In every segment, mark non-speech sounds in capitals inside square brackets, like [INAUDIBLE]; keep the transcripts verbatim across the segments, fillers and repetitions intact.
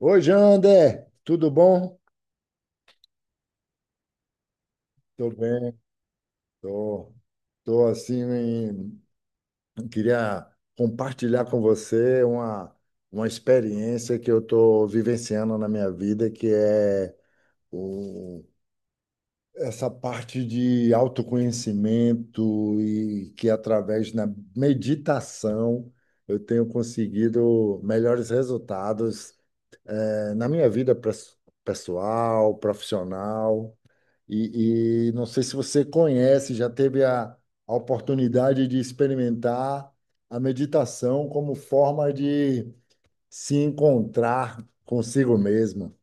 Oi, Jander, tudo bom? Tô bem, tô, tô assim, em- queria compartilhar com você uma, uma experiência que eu tô vivenciando na minha vida, que é o, essa parte de autoconhecimento e que através da meditação eu tenho conseguido melhores resultados, eh, na minha vida pres- pessoal, profissional. E, e não sei se você conhece, já teve a, a oportunidade de experimentar a meditação como forma de se encontrar consigo mesmo.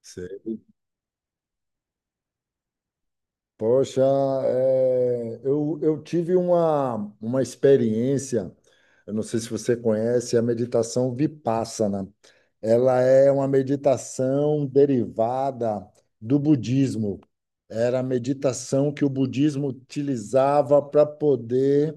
Sei. Poxa, é, eu, eu tive uma, uma experiência, eu não sei se você conhece, a meditação Vipassana. Ela é uma meditação derivada do budismo. Era a meditação que o budismo utilizava para poder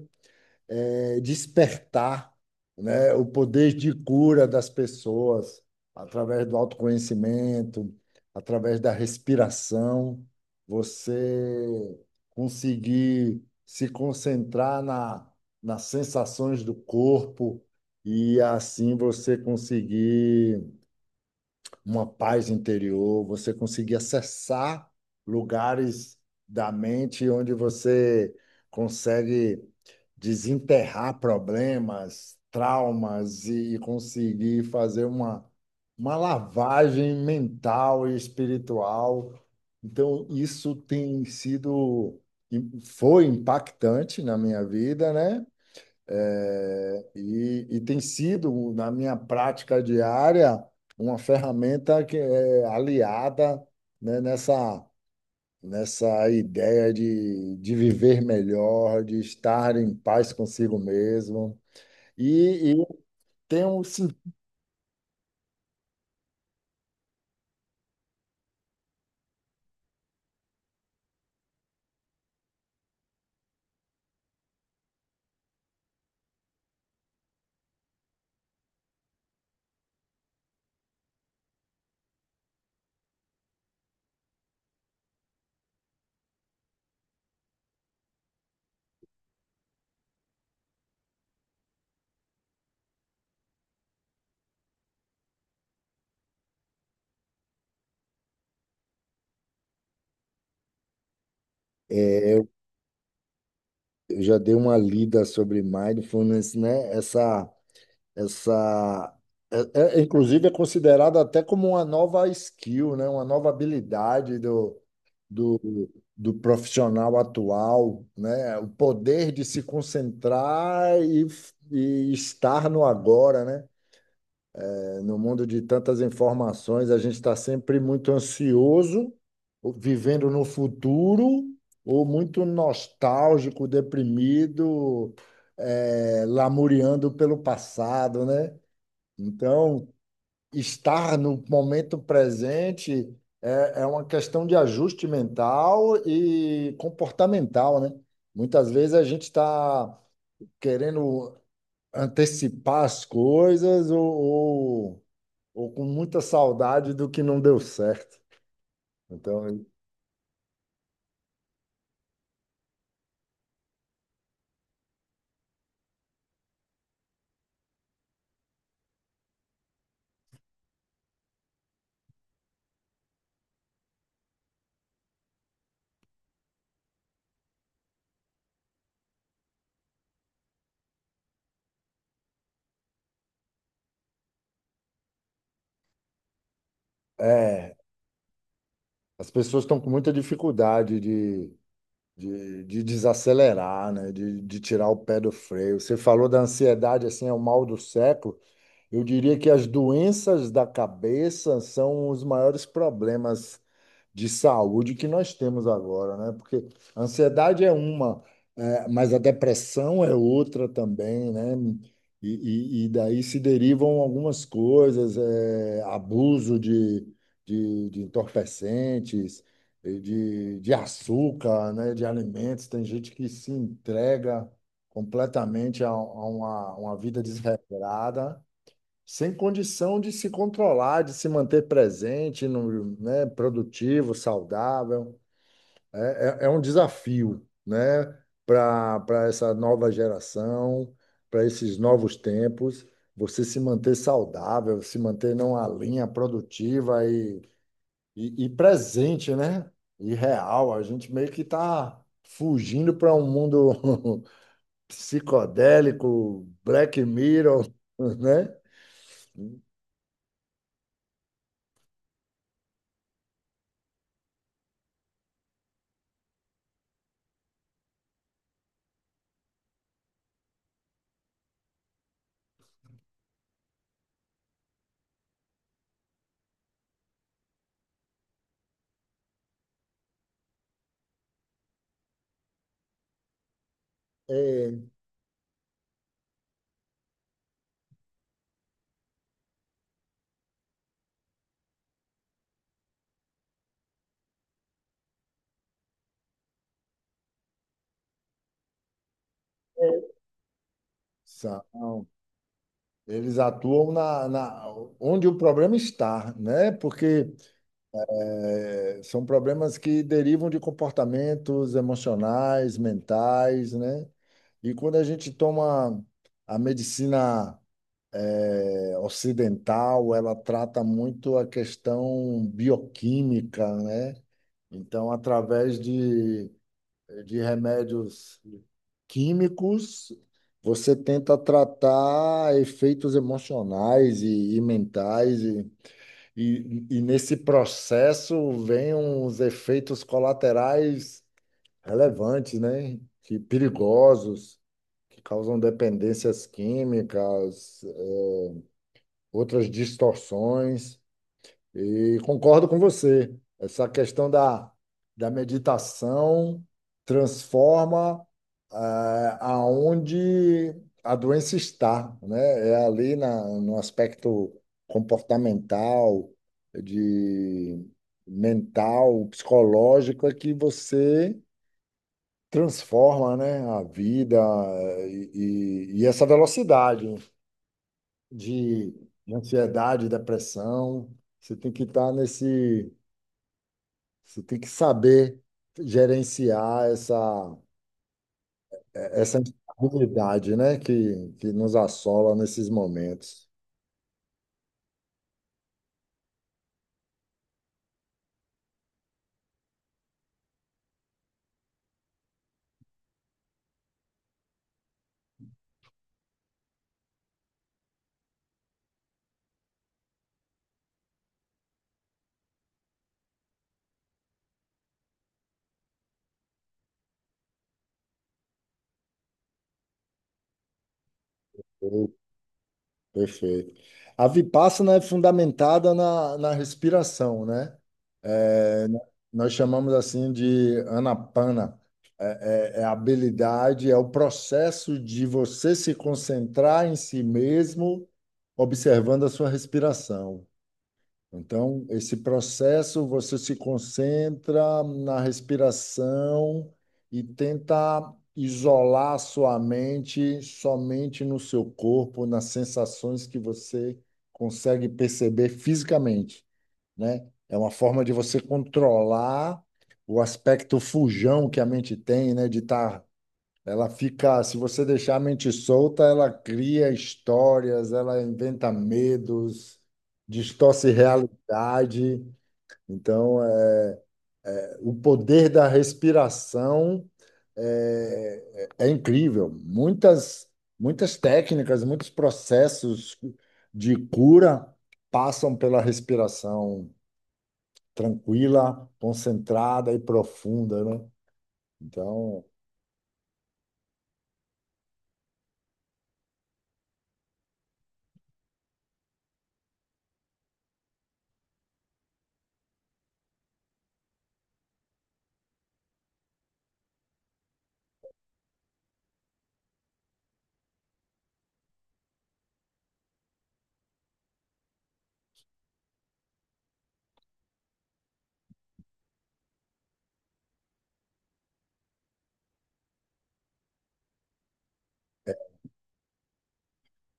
eh, despertar, né, o poder de cura das pessoas através do autoconhecimento, através da respiração. Você conseguir se concentrar na, nas sensações do corpo e assim você conseguir uma paz interior, você conseguir acessar lugares da mente onde você consegue desenterrar problemas, traumas e conseguir fazer uma, uma lavagem mental e espiritual. Então, isso tem sido, foi impactante na minha vida, né? É, e, e tem sido, na minha prática diária, uma ferramenta que é aliada, né, nessa, nessa ideia de, de viver melhor, de estar em paz consigo mesmo. E, e tem um, sim, é, eu já dei uma lida sobre mindfulness, né? Essa Essa, é, é- inclusive, é considerada até como uma nova skill, né? Uma nova habilidade do, do, do profissional atual, né? O poder de se concentrar e, e estar no agora, né? É, No mundo de tantas informações, a gente está sempre muito ansioso, ou vivendo no futuro, ou muito nostálgico, deprimido, é, lamuriando pelo passado, né? Então, estar no momento presente é, é uma questão de ajuste mental e comportamental, né? Muitas vezes a gente está querendo antecipar as coisas ou, ou, ou com muita saudade do que não deu certo. Então, é, as pessoas estão com muita dificuldade de, de, de desacelerar, né? De, de tirar o pé do freio. Você falou da ansiedade, assim, é o mal do século. Eu diria que as doenças da cabeça são os maiores problemas de saúde que nós temos agora, né? Porque a ansiedade é uma, eh, mas a depressão é outra também, né? E, e- e daí se derivam algumas coisas, eh, abuso de, de, de entorpecentes, eh, de, de açúcar, né? De alimentos. Tem gente que se entrega completamente a, a uma, uma vida desregrada sem condição de se controlar, de se manter presente, no- né, produtivo, saudável. É, é, é um desafio, né, para para essa nova geração, para esses novos tempos, você se manter saudável, se manter numa linha produtiva e, e, e presente, né? E real. A gente meio que está fugindo para um mundo [LAUGHS] psicodélico, Black Mirror, [LAUGHS] né? É, é São. Eles atuam na, na- onde o problema está, né? Porque eh, são problemas que derivam de comportamentos emocionais, mentais, né? E quando a gente toma a medicina eh, ocidental, ela trata muito a questão bioquímica, né? Então, através de de remédios químicos, você tenta tratar efeitos emocionais e, e mentais, e, e, e nesse processo vem uns efeitos colaterais relevantes, né? Que perigosos, que causam dependências químicas, outras distorções. E concordo com você. Essa questão da, da meditação transforma ah, aonde a doença está, né? É ali na, no aspecto comportamental, de mental, psicológico, é que você transforma, né, a vida eh, e, e e essa velocidade de ansiedade, depressão. Você tem que estar nesse você tem que saber gerenciar essa, essa instabilidade, né, que, que nos assola nesses momentos. Per- Perfeito. A Vipassana é fundamentada na, na respiração, né? É, n- nós chamamos assim de anapana. É, é a habilidade, é o processo de você se concentrar em si mesmo, observando a sua respiração. Então, esse processo você se concentra na respiração e tenta isolar a sua mente somente no seu corpo, nas sensações que você consegue perceber fisicamente, né? É uma forma de você controlar o aspecto fujão que a mente tem, né? De estar ela fica, se você deixar a mente solta, ela cria histórias, ela inventa medos, distorce realidade. Então, é, o poder da respiração é, é é incrível. Muitas, muitas técnicas, muitos processos de cura passam pela respiração tranquila, concentrada e profunda, né? Então,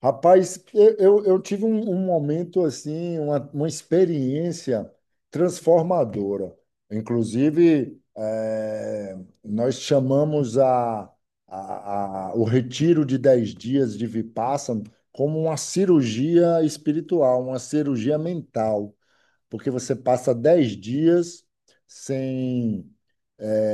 Rapaz, eu, eu eu tive um, um momento assim, uma, uma experiência transformadora. Inclusive, eh, nós chamamos a, a- a- o retiro de dez dias de Vipassana como uma cirurgia espiritual, uma cirurgia mental, porque você passa dez dias sem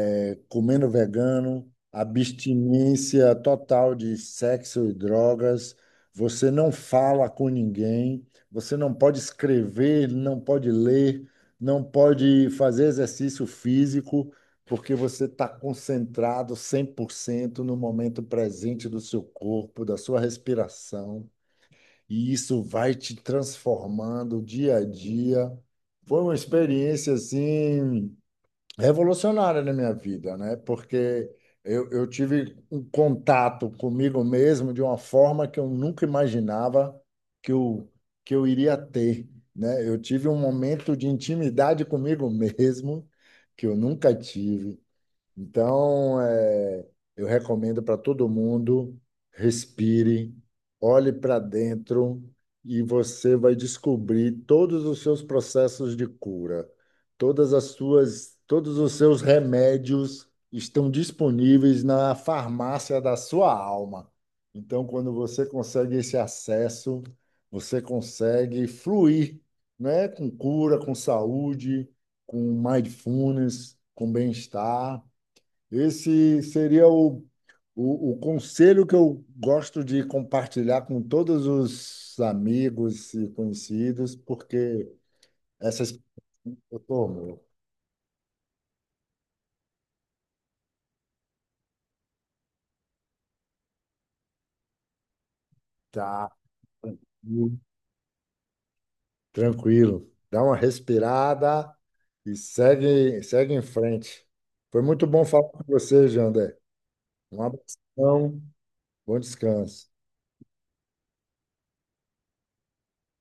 é, comendo vegano, abstinência total de sexo e drogas, você não fala com ninguém, você não pode escrever, não pode ler, não pode fazer exercício físico, porque você está concentrado cem por cento no momento presente do seu corpo, da sua respiração, e isso vai te transformando dia a dia. Foi uma experiência assim revolucionária na minha vida, né? Porque eu, eu tive um contato comigo mesmo de uma forma que eu nunca imaginava que eu, que eu iria ter, né? Eu tive um momento de intimidade comigo mesmo que eu nunca tive. Então, é, eu recomendo para todo mundo, respire, olhe para dentro e você vai descobrir todos os seus processos de cura. Todas as suas, todos os seus remédios estão disponíveis na farmácia da sua alma. Então, quando você consegue esse acesso, você consegue fluir, né? Com cura, com saúde, com mindfulness, com bem-estar. Esse seria o, o, o conselho que eu gosto de compartilhar com todos os amigos e conhecidos, porque essas eu tomo, tá muito tranquilo. Dá uma respirada e segue, segue em frente. Foi muito bom falar com você, Jandé. Um abração, bom descanso.